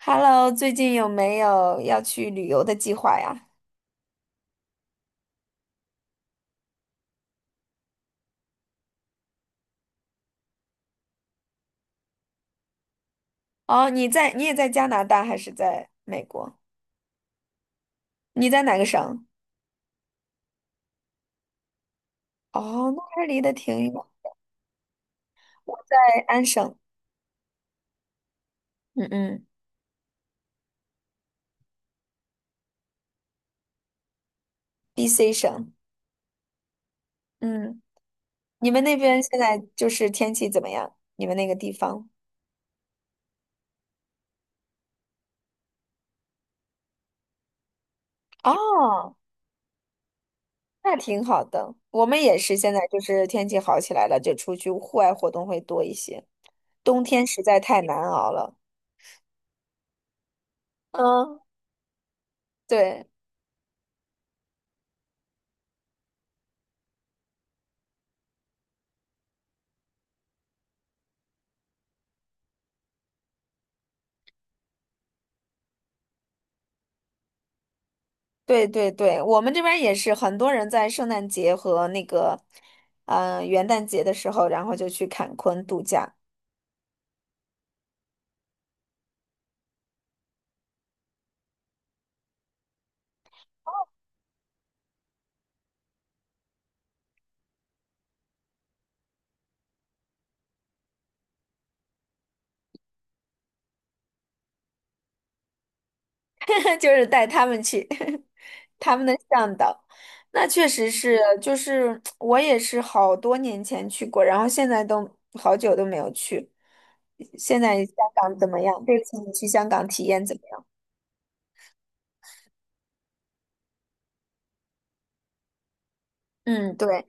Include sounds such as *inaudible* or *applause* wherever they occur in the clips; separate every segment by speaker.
Speaker 1: Hello，最近有没有要去旅游的计划呀？哦，你在，你也在加拿大还是在美国？你在哪个省？哦，那还离得挺远。我在安省。嗯嗯，BC 省。嗯。你们那边现在就是天气怎么样？你们那个地方？哦，那挺好的。我们也是现在就是天气好起来了，就出去户外活动会多一些。冬天实在太难熬了。嗯，对。对对对，我们这边儿也是很多人在圣诞节和那个，元旦节的时候，然后就去坎昆度假。*laughs* 就是带他们去，*laughs* 他们的向导。那确实是，就是我也是好多年前去过，然后现在都好久都没有去。现在香港怎么样？这次你去香港体验怎么样？嗯，对。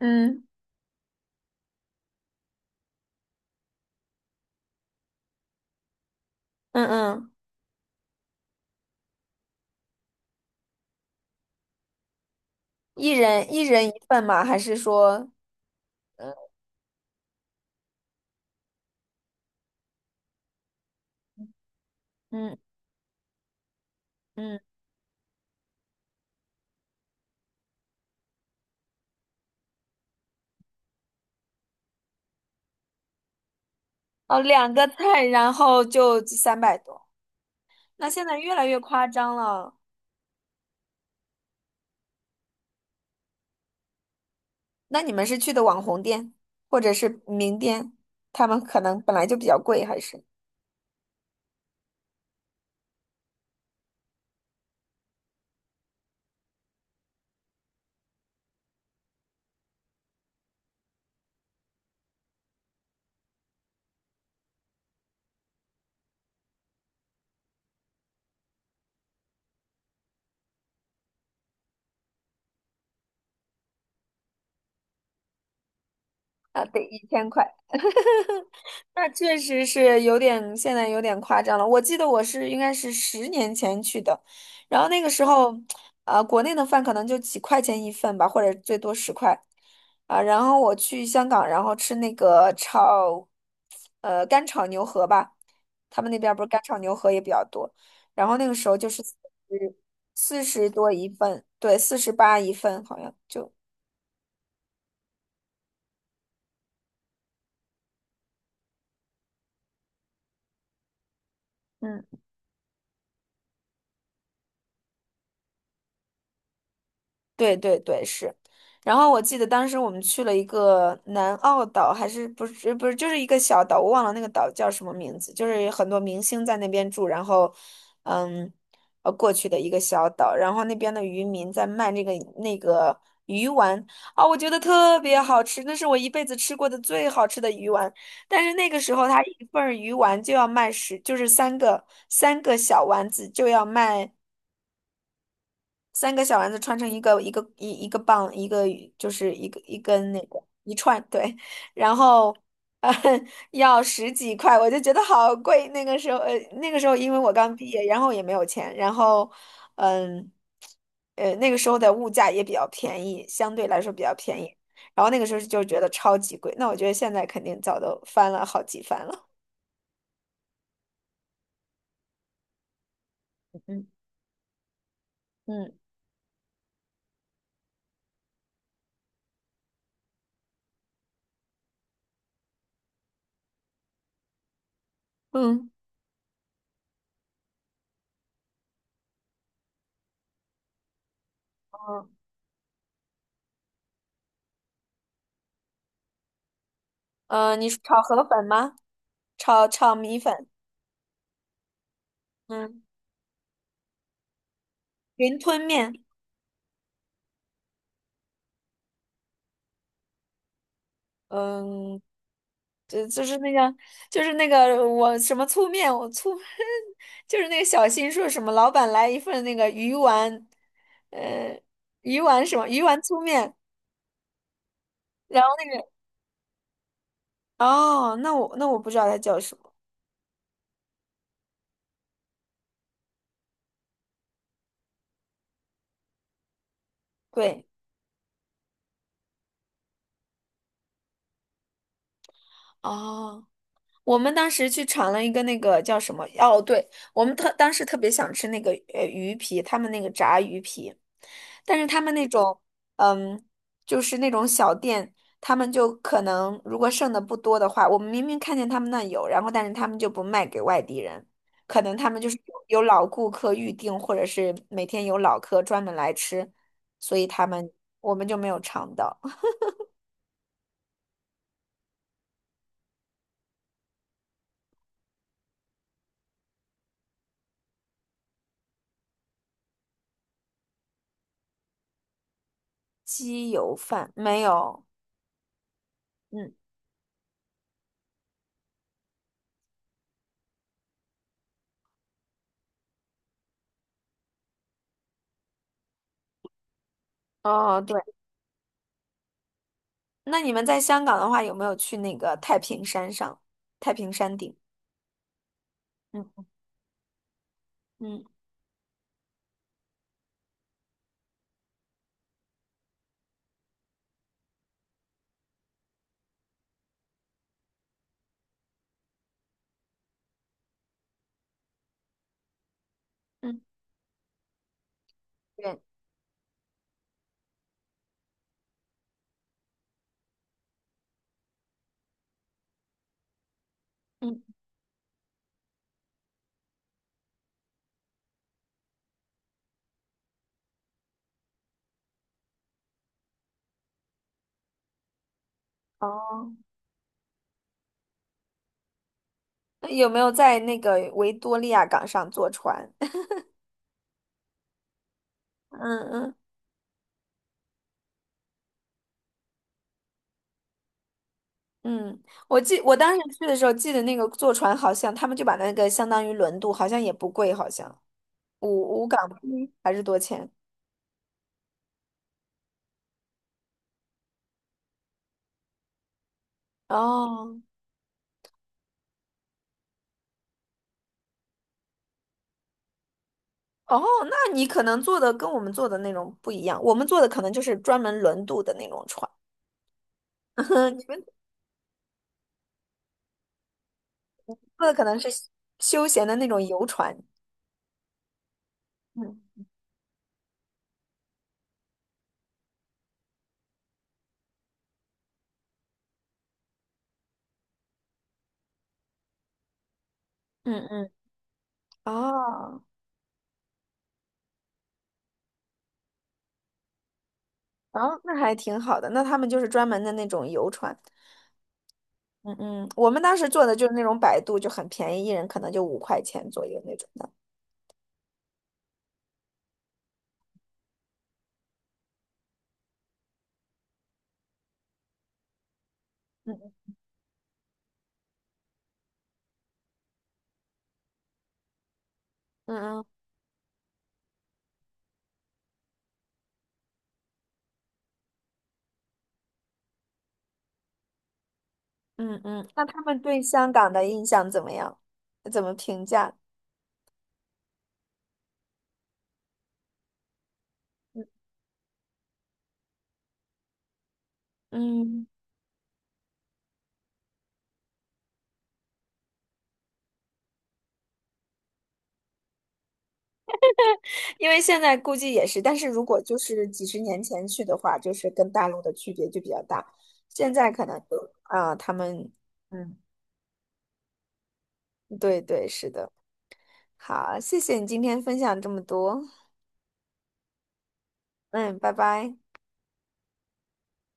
Speaker 1: 嗯嗯嗯，一人一人一份吗？还是说，嗯嗯嗯。哦，两个菜，然后就三百多。那现在越来越夸张了。那你们是去的网红店，或者是名店，他们可能本来就比较贵，还是啊，得一千块。那确实是有点，现在有点夸张了。我记得我是应该是十年前去的，然后那个时候，国内的饭可能就几块钱一份吧，或者最多十块。啊、然后我去香港，然后吃那个炒，干炒牛河吧，他们那边儿不是干炒牛河也比较多，然后那个时候就是十四十多一份，对，四十八一份好像就。嗯。对对对，是。然后我记得当时我们去了一个南澳岛，还是不是，就是一个小岛，我忘了那个岛叫什么名字，就是很多明星在那边住，然后，嗯，过去的一个小岛，然后那边的渔民在卖那个鱼丸啊，我觉得特别好吃，那是我一辈子吃过的最好吃的鱼丸。但是那个时候，它一份儿鱼丸就要卖十，就是三个小丸子就要卖。三个小丸子穿成一个一个棒，一个就是一个一根那个一串，对，然后呃 *laughs* 要十几块，我就觉得好贵。那个时候，那个时候因为我刚毕业，然后也没有钱，然后嗯那个时候的物价也比较便宜，相对来说比较便宜，然后那个时候就觉得超级贵。那我觉得现在肯定早都翻了好几番了。嗯嗯嗯嗯，你是炒河粉吗？炒米粉。嗯。云吞面，嗯，就是那个，就是那个我什么粗面，我粗，*laughs* 就是那个小新说什么老板来一份那个鱼丸，呃，鱼丸什么鱼丸粗面，然后那个哦，那我那我不知道它叫什么，对，哦。我们当时去尝了一个那个叫什么？哦，对，我们特当时特别想吃那个鱼皮，他们那个炸鱼皮，但是他们那种嗯，就是那种小店，他们就可能如果剩的不多的话，我们明明看见他们那有，然后但是他们就不卖给外地人，可能他们就是有老顾客预定，或者是每天有老客专门来吃，所以他们我们就没有尝到。 *laughs* 鸡油饭，没有。嗯，哦，对。那你们在香港的话，有没有去那个太平山上？太平山顶？嗯嗯嗯，对，嗯。哦，那有没有在那个维多利亚港上坐船？*laughs* 嗯嗯嗯，我记我当时去的时候，记得那个坐船好像他们就把那个相当于轮渡，好像也不贵，好像五港币还是多钱？哦哦，那你可能坐的跟我们坐的那种不一样，我们坐的可能就是专门轮渡的那种船。*laughs* 你们说的可能是休闲的那种游船。嗯嗯嗯，哦，哦，那还挺好的。那他们就是专门的那种游船。嗯嗯，我们当时坐的就是那种摆渡，就很便宜，一人可能就五块钱左右那种的。嗯嗯嗯嗯嗯，那他们对香港的印象怎么样？怎么评价？嗯，因为现在估计也是，但是如果就是几十年前去的话，就是跟大陆的区别就比较大。现在可能就啊，他们嗯，对对，是的。好，谢谢你今天分享这么多。嗯，拜拜。